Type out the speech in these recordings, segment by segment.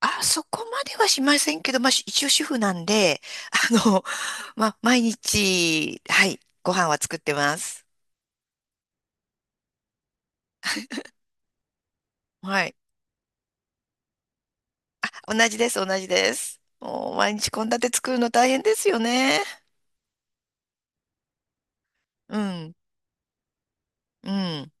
あ、そこまではしませんけど、まあ、一応主婦なんで、あの、まあ、毎日、はい、ご飯は作ってます。はい。同じです、同じです。もう、毎日献立作るの大変ですよね。うん、うん。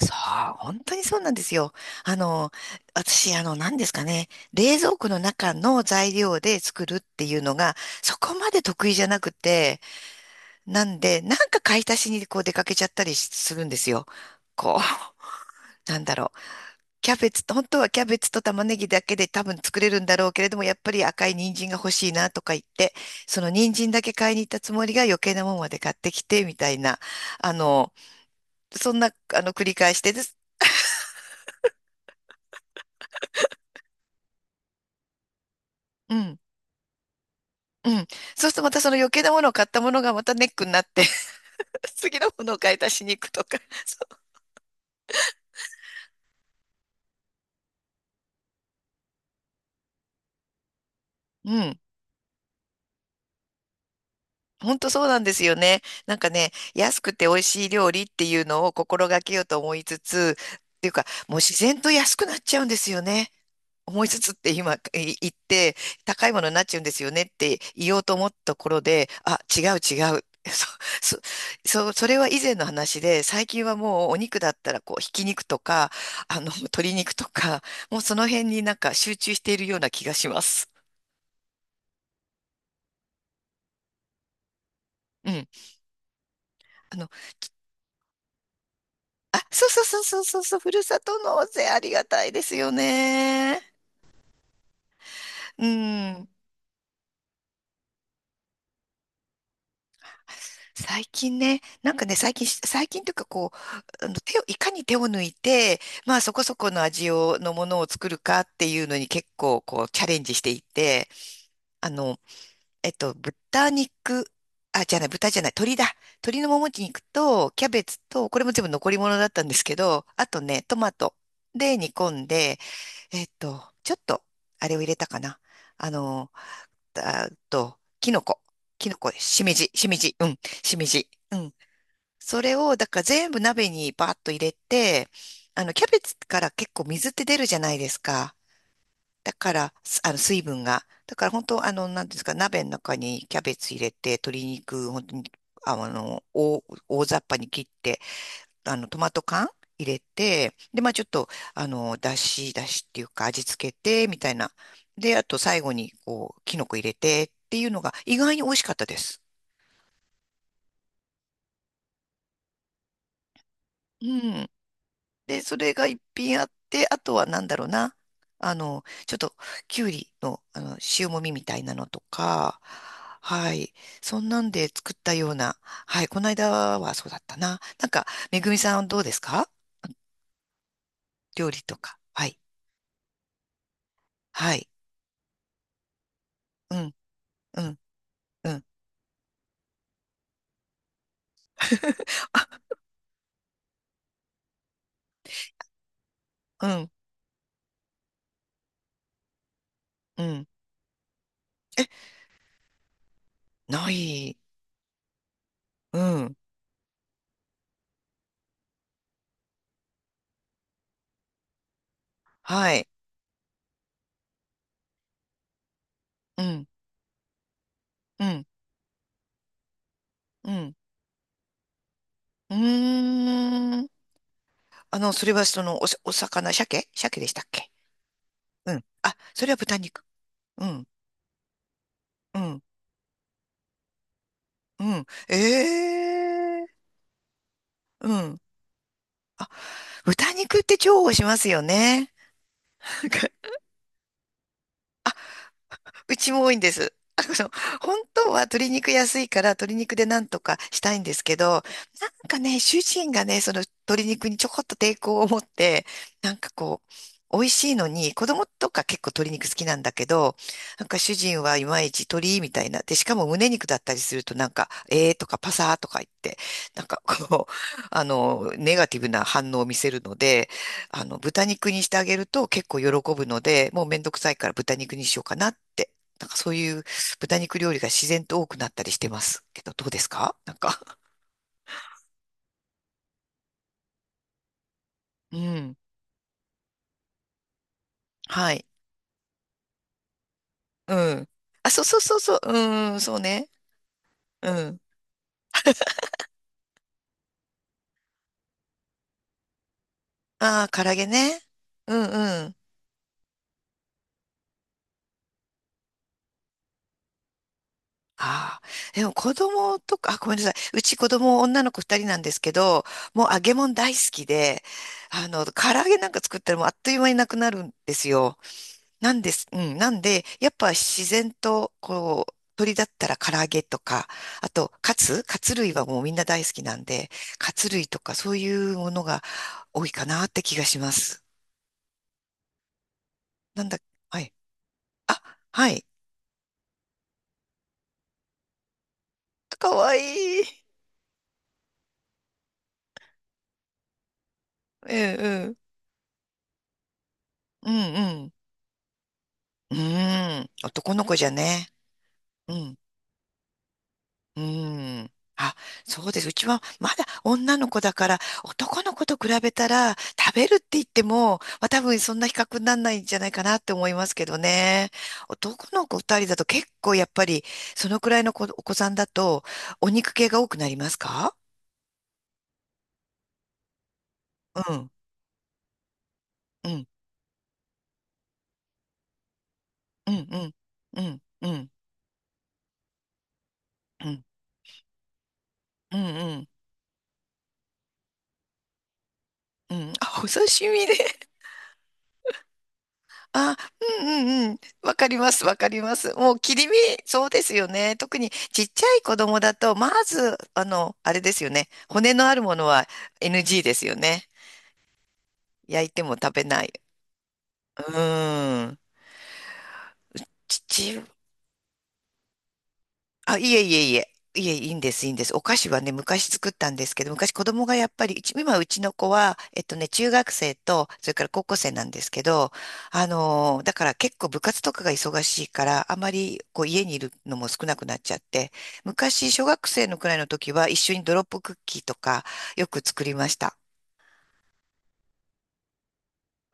そう、本当にそうなんですよ。あの、私、何ですかね、冷蔵庫の中の材料で作るっていうのが、そこまで得意じゃなくて、なんで、なんか買い足しにこう出かけちゃったりするんですよ。こう。なんだろう。キャベツと、本当はキャベツと玉ねぎだけで多分作れるんだろうけれども、やっぱり赤い人参が欲しいなとか言って、その人参だけ買いに行ったつもりが余計なもんまで買ってきて、みたいな、あの、そんな、繰り返してです。うん。うん。そうするとまたその余計なものを買ったものがまたネックになって 次のものを買い足しに行くとか。そう、うん。本当そうなんですよね。なんかね、安くて美味しい料理っていうのを心がけようと思いつつ、っていうか、もう自然と安くなっちゃうんですよね。思いつつって今言って、高いものになっちゃうんですよねって言おうと思ったところで、あ、違う違う。そ、そうそれは以前の話で、最近はもうお肉だったらこう、ひき肉とか、鶏肉とか、もうその辺になんか集中しているような気がします。うん。あの、あ、そうそうそうそうそうそう、ふるさと納税ありがたいですよね。うん。最近ね、なんかね、最近というかこう、あの手を、いかに手を抜いて、まあそこそこののものを作るかっていうのに結構こうチャレンジしていて、あの、豚肉、あ、じゃない、豚じゃない、鶏だ。鶏のもも肉と、キャベツと、これも全部残り物だったんですけど、あとね、トマトで煮込んで、ちょっと、あれを入れたかな。あの、あと、キノコ。キノコ、しめじ、しめじ、うん、しめじ。うん。それを、だから全部鍋にバーッと入れて、キャベツから結構水って出るじゃないですか。だから、すあの、水分が。だから本当、なんていうんですか、鍋の中にキャベツ入れて、鶏肉、本当に、大雑把に切って、トマト缶入れて、で、まあちょっと、だしっていうか味付けて、みたいな。で、あと最後に、こう、キノコ入れてっていうのが意外に美味しかったです。うん。で、それが一品あって、あとはなんだろうな。ちょっと、きゅうりの、塩もみみたいなのとか、はい。そんなんで作ったような、はい。この間はそうだったな。なんか、めぐみさんどうですか？料理とか。はい。はい。うん、うん、うん、うん、うん。ない。うん。はい。うん、うん、うん。うーん。それはその、お魚、鮭でしたっけ？うん。あ、それは豚肉。うん。うん、うん。ええ、うん。あ、豚肉って重宝しますよね。うちも多いんです。本当は鶏肉安いから鶏肉でなんとかしたいんですけど、なんかね、主人がね、その鶏肉にちょこっと抵抗を持って、なんかこう、美味しいのに、子供とか結構鶏肉好きなんだけど、なんか主人はいまいち鶏みたいな。で、しかも胸肉だったりするとなんか、えーとかパサーとか言って、なんかこう、ネガティブな反応を見せるので、豚肉にしてあげると結構喜ぶので、もうめんどくさいから豚肉にしようかなって。なんかそういう豚肉料理が自然と多くなったりしてますけど、どうですか？なんか。うん。はい。うん。あ、そうそうそうそう。うん、そうね。うん。ああ、唐揚げね。うんうん。ああ。でも子供とか、あ、ごめんなさい。うち子供女の子二人なんですけど、もう揚げ物大好きで、唐揚げなんか作ったらもうあっという間になくなるんですよ。なんです。うん。なんで、やっぱ自然と、こう、鳥だったら唐揚げとか、あと、カツ類はもうみんな大好きなんで、カツ類とかそういうものが多いかなって気がします。なんだ、はい。あ、はい。かわいい。うんうん。うんうん。うーん。男の子じゃね。うん。うーん。あ、そうです。うちはまだ女の子だから、男の子と比べたら、食べるって言っても、まあ多分そんな比較にならないんじゃないかなって思いますけどね。男の子二人だと結構やっぱり、そのくらいのお子さんだと、お肉系が多くなりますか？うん、うん、うん、うん、うん、うん、うん、うん、うん。うん、あ、お刺身で。あ、うんうんうん。わかります、わかります。もう切り身、そうですよね。特にちっちゃい子供だと、まず、あれですよね。骨のあるものは NG ですよね。焼いても食べない。うーん。父。あ、いえいえいえ。いえ、いいんです、いいんです。お菓子はね、昔作ったんですけど、昔子供がやっぱり、うち今うちの子は、中学生と、それから高校生なんですけど、だから結構部活とかが忙しいから、あまりこう家にいるのも少なくなっちゃって、昔小学生のくらいの時は一緒にドロップクッキーとかよく作りました。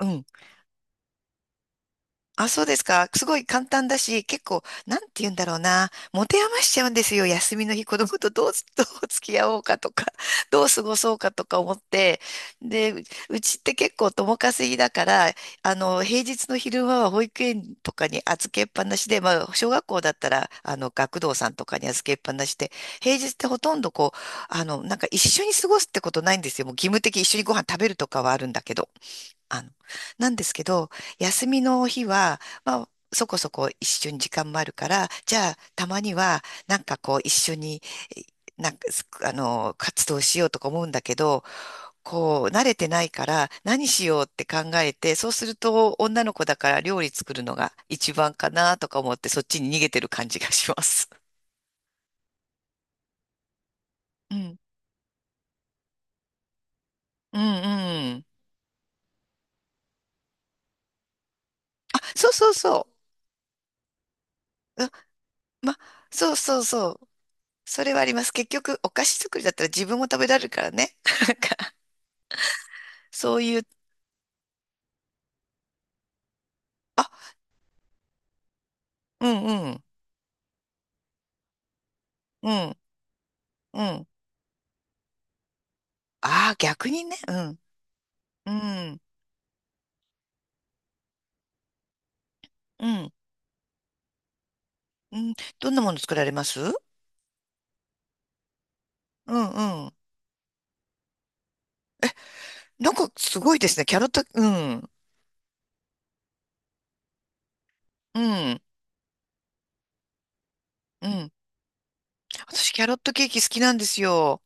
うん。あ、そうですか。すごい簡単だし、結構、なんて言うんだろうな。持て余しちゃうんですよ。休みの日、子供とどう、どう付き合おうかとか、どう過ごそうかとか思って。で、うちって結構共稼ぎだから、平日の昼間は保育園とかに預けっぱなしで、まあ、小学校だったら、学童さんとかに預けっぱなしで、平日ってほとんどこう、なんか一緒に過ごすってことないんですよ。もう義務的に一緒にご飯食べるとかはあるんだけど。あの、なんですけど、休みの日は、まあ、そこそこ一緒に時間もあるから、じゃあ、たまには、なんかこう、一緒に、えなんか、すあの、活動しようとか思うんだけど、こう、慣れてないから、何しようって考えて、そうすると、女の子だから料理作るのが一番かなとか思って、そっちに逃げてる感じがします。うん。うんうん。あ、そうそうそう。うん、ま、そうそうそう。それはあります。結局、お菓子作りだったら自分も食べられるからね。なんかそういう、あ、うんうん、うん、うん。ああ、逆にね、うん、うん、うん、うん。どんなもの作られます？うん、うん。なんかすごいですね。キャロット、うん、うん、うん。私、キャロットケーキ好きなんですよ。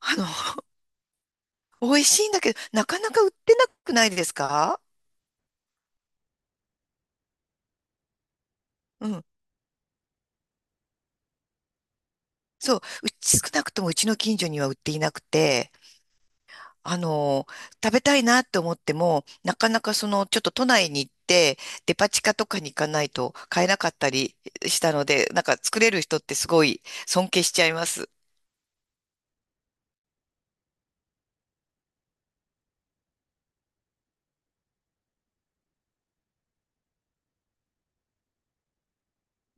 あの、美味しいんだけど、なかなか売ってなくないですか？うん。そう、うち、少なくともうちの近所には売っていなくて、あの、食べたいなって思っても、なかなかその、ちょっと都内に行って、デパ地下とかに行かないと買えなかったりしたので、なんか作れる人ってすごい尊敬しちゃいます。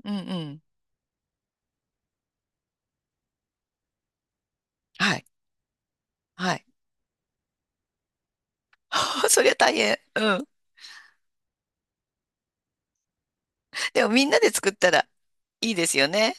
うんうん。はい。はい。そりゃ大変。うん。でもみんなで作ったらいいですよね。